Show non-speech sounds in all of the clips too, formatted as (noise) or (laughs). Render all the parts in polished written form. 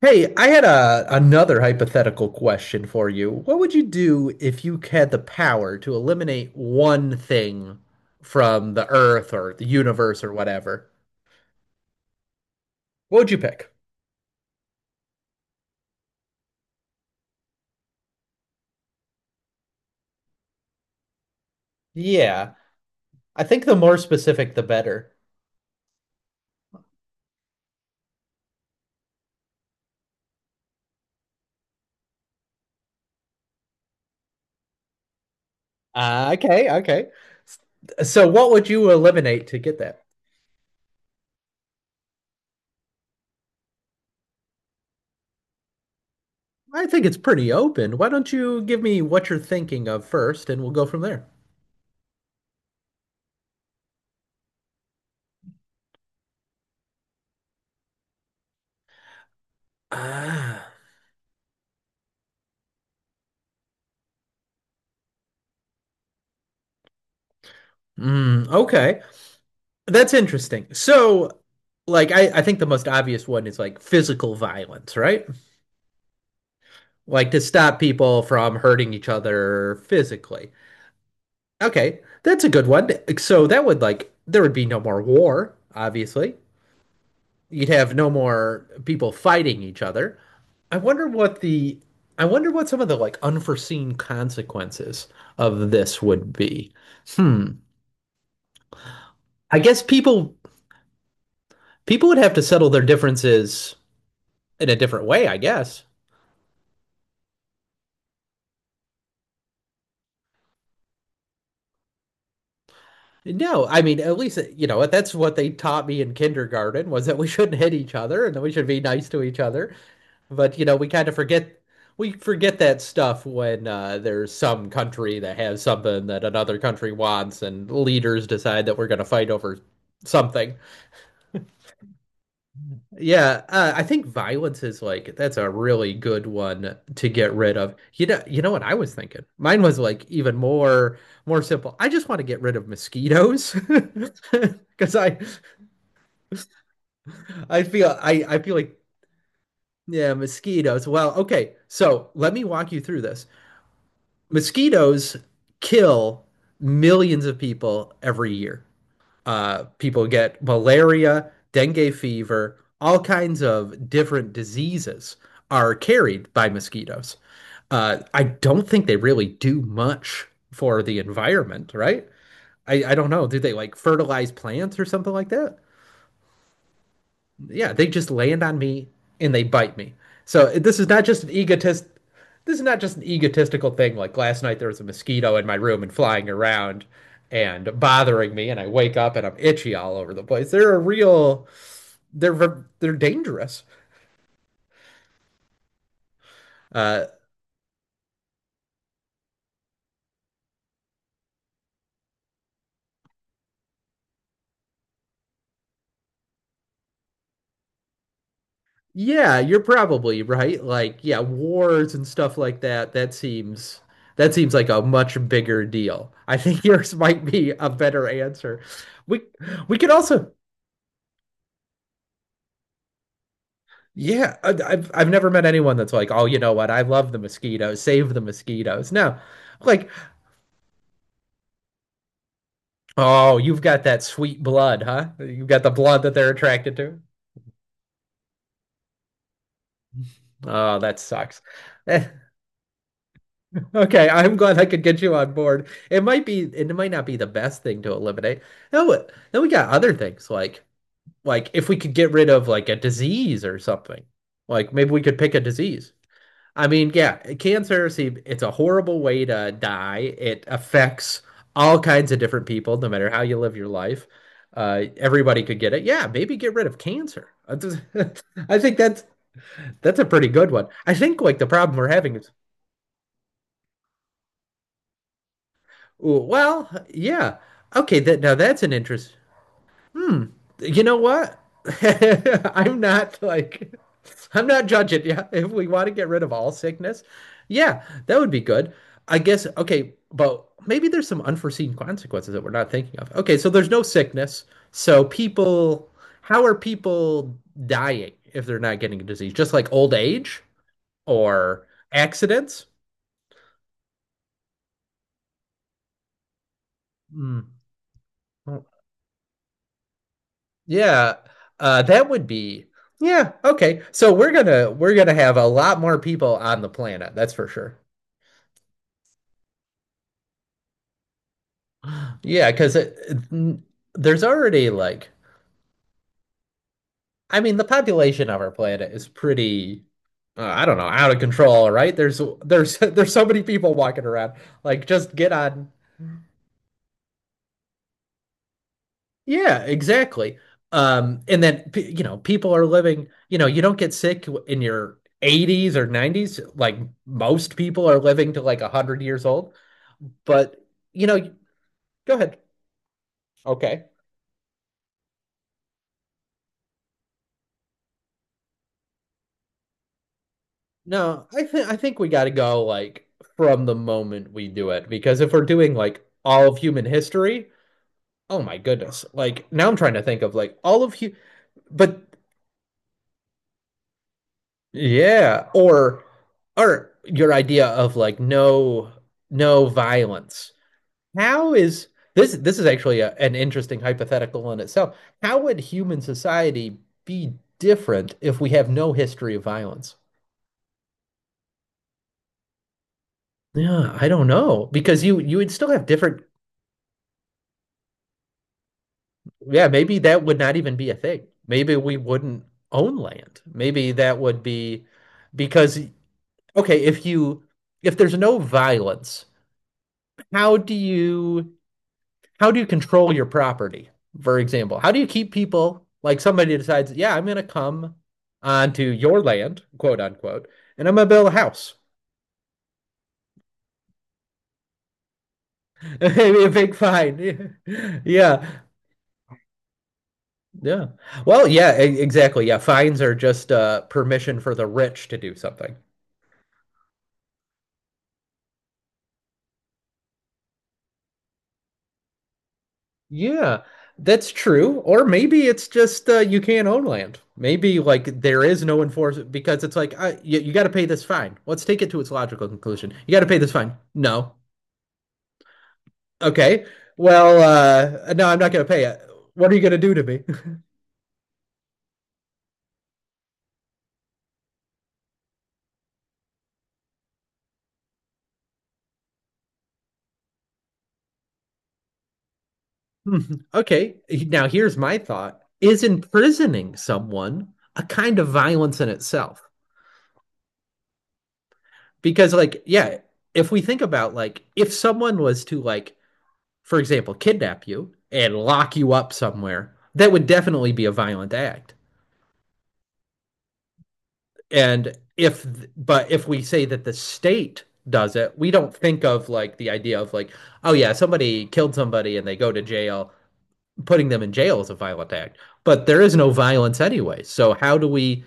Hey, I had a another hypothetical question for you. What would you do if you had the power to eliminate one thing from the earth or the universe or whatever? What would you pick? Yeah, I think the more specific, the better. Okay, okay. So what would you eliminate to get that? I think it's pretty open. Why don't you give me what you're thinking of first, and we'll go from there. Ah, mm, okay. That's interesting. So, like, I think the most obvious one is like physical violence, right? Like to stop people from hurting each other physically. Okay, that's a good one. So that would like there would be no more war, obviously. You'd have no more people fighting each other. I wonder what the I wonder what some of the like unforeseen consequences of this would be. Hmm. I guess people would have to settle their differences in a different way, I guess. No, I mean, at least, that's what they taught me in kindergarten was that we shouldn't hit each other and that we should be nice to each other. But, we forget that stuff when there's some country that has something that another country wants and leaders decide that we're going to fight over something. Yeah, I think violence is like that's a really good one to get rid of. You know what I was thinking? Mine was like even more simple. I just want to get rid of mosquitoes (laughs) because I feel like yeah, mosquitoes. Well, okay. So let me walk you through this. Mosquitoes kill millions of people every year. People get malaria, dengue fever, all kinds of different diseases are carried by mosquitoes. I don't think they really do much for the environment, right? I don't know. Do they like fertilize plants or something like that? Yeah, they just land on me and they bite me. So this is not just an egotist. This is not just an egotistical thing. Like last night, there was a mosquito in my room and flying around and bothering me, and I wake up and I'm itchy all over the place. They're a real. They're they're dangerous. Uh, yeah, you're probably right. Like, yeah, wars and stuff like that. That seems like a much bigger deal. I think (laughs) yours might be a better answer. We we could also Yeah, I've never met anyone that's like, oh, you know what? I love the mosquitoes. Save the mosquitoes. No, like, oh, you've got that sweet blood, huh? You've got the blood that they're attracted to. Oh, that sucks. (laughs) Eh, okay, I'm glad I could get you on board. It might be, it might not be the best thing to eliminate. No, then we got other things like if we could get rid of like a disease or something. Like maybe we could pick a disease. I mean, yeah, cancer, see, it's a horrible way to die. It affects all kinds of different people, no matter how you live your life. Everybody could get it. Yeah, maybe get rid of cancer. (laughs) I think that's a pretty good one. I think like the problem we're having is, ooh, well, yeah, okay, that now that's an interest. Hmm. You know what? (laughs) I'm not like I'm not judging. Yeah, if we want to get rid of all sickness, yeah, that would be good. I guess okay, but maybe there's some unforeseen consequences that we're not thinking of. Okay, so there's no sickness. So people, how are people dying if they're not getting a disease? Just like old age or accidents? Hmm. Yeah, that would be yeah, okay. So we're gonna have a lot more people on the planet, that's for sure. (gasps) Yeah, because there's already like I mean the population of our planet is pretty I don't know, out of control, right? There's (laughs) there's so many people walking around. Like just get on Yeah, exactly. And then people are living, you don't get sick in your 80s or 90s, like most people are living to like 100 years old. But you know, go ahead. Okay. No, I think we got to go like from the moment we do it because if we're doing like all of human history, oh my goodness. Like now I'm trying to think of like all of hu but yeah, or your idea of like no violence. How is this this is actually an interesting hypothetical in itself. How would human society be different if we have no history of violence? Yeah, I don't know because you would still have different yeah, maybe that would not even be a thing. Maybe we wouldn't own land. Maybe that would be because okay, if there's no violence, how do you how do you control your property? For example, how do you keep people like somebody decides, yeah, I'm going to come onto your land, quote unquote, and I'm going to build a house. (laughs) Maybe a big fine. (laughs) Yeah. Yeah. Well, yeah, exactly. Yeah, fines are just permission for the rich to do something. Yeah, that's true. Or maybe it's just you can't own land. Maybe like there is no enforcement because it's like you got to pay this fine. Let's take it to its logical conclusion. You got to pay this fine. No, okay. Well, no, I'm not going to pay it. What are you going to do to me? (laughs) Okay. Now, here's my thought. Is imprisoning someone a kind of violence in itself? Because, like, yeah, if we think about, like, if someone was to, like, for example, kidnap you and lock you up somewhere, that would definitely be a violent act. And if, but if we say that the state does it, we don't think of, like, the idea of, like, oh, yeah, somebody killed somebody and they go to jail putting them in jail is a violent act, but there is no violence anyway. So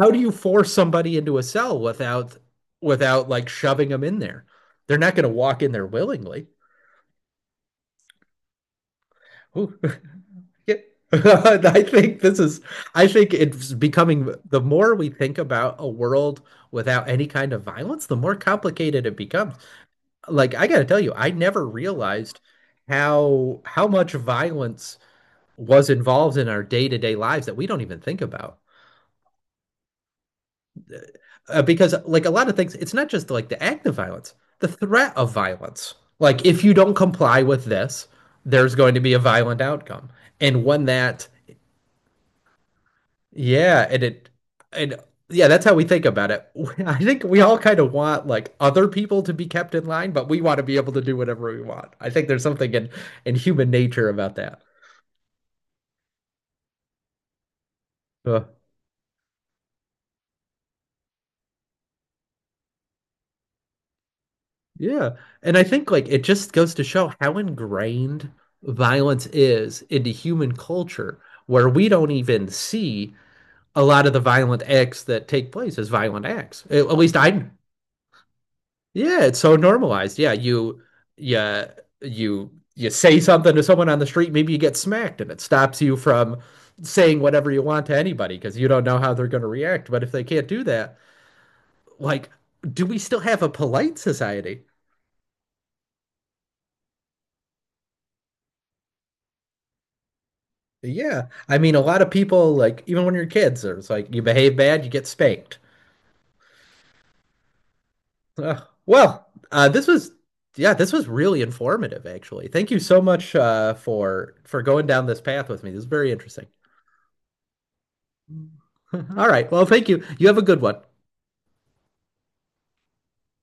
how do you force somebody into a cell without like shoving them in there? They're not going to walk in there willingly. (laughs) Yeah. (laughs) I think this is I think it's becoming the more we think about a world without any kind of violence, the more complicated it becomes. Like I got to tell you, I never realized how much violence was involved in our day-to-day lives that we don't even think about because like a lot of things, it's not just like the act of violence, the threat of violence. Like if you don't comply with this, there's going to be a violent outcome. And when that, yeah, and yeah, that's how we think about it. (laughs) I think we all kind of want like other people to be kept in line, but we want to be able to do whatever we want. I think there's something in human nature about that. Uh, Yeah. And I think like it just goes to show how ingrained violence is into human culture, where we don't even see a lot of the violent acts that take place as violent acts. At least, yeah, it's so normalized. Yeah, yeah, you say something to someone on the street, maybe you get smacked, and it stops you from saying whatever you want to anybody because you don't know how they're going to react. But if they can't do that, like, do we still have a polite society? Yeah, I mean, a lot of people like even when you're kids, it's like you behave bad, you get spanked. Uh, well, this was yeah, this was really informative, actually. Thank you so much for going down this path with me. This is very interesting. (laughs) All right, well, thank you. You have a good one.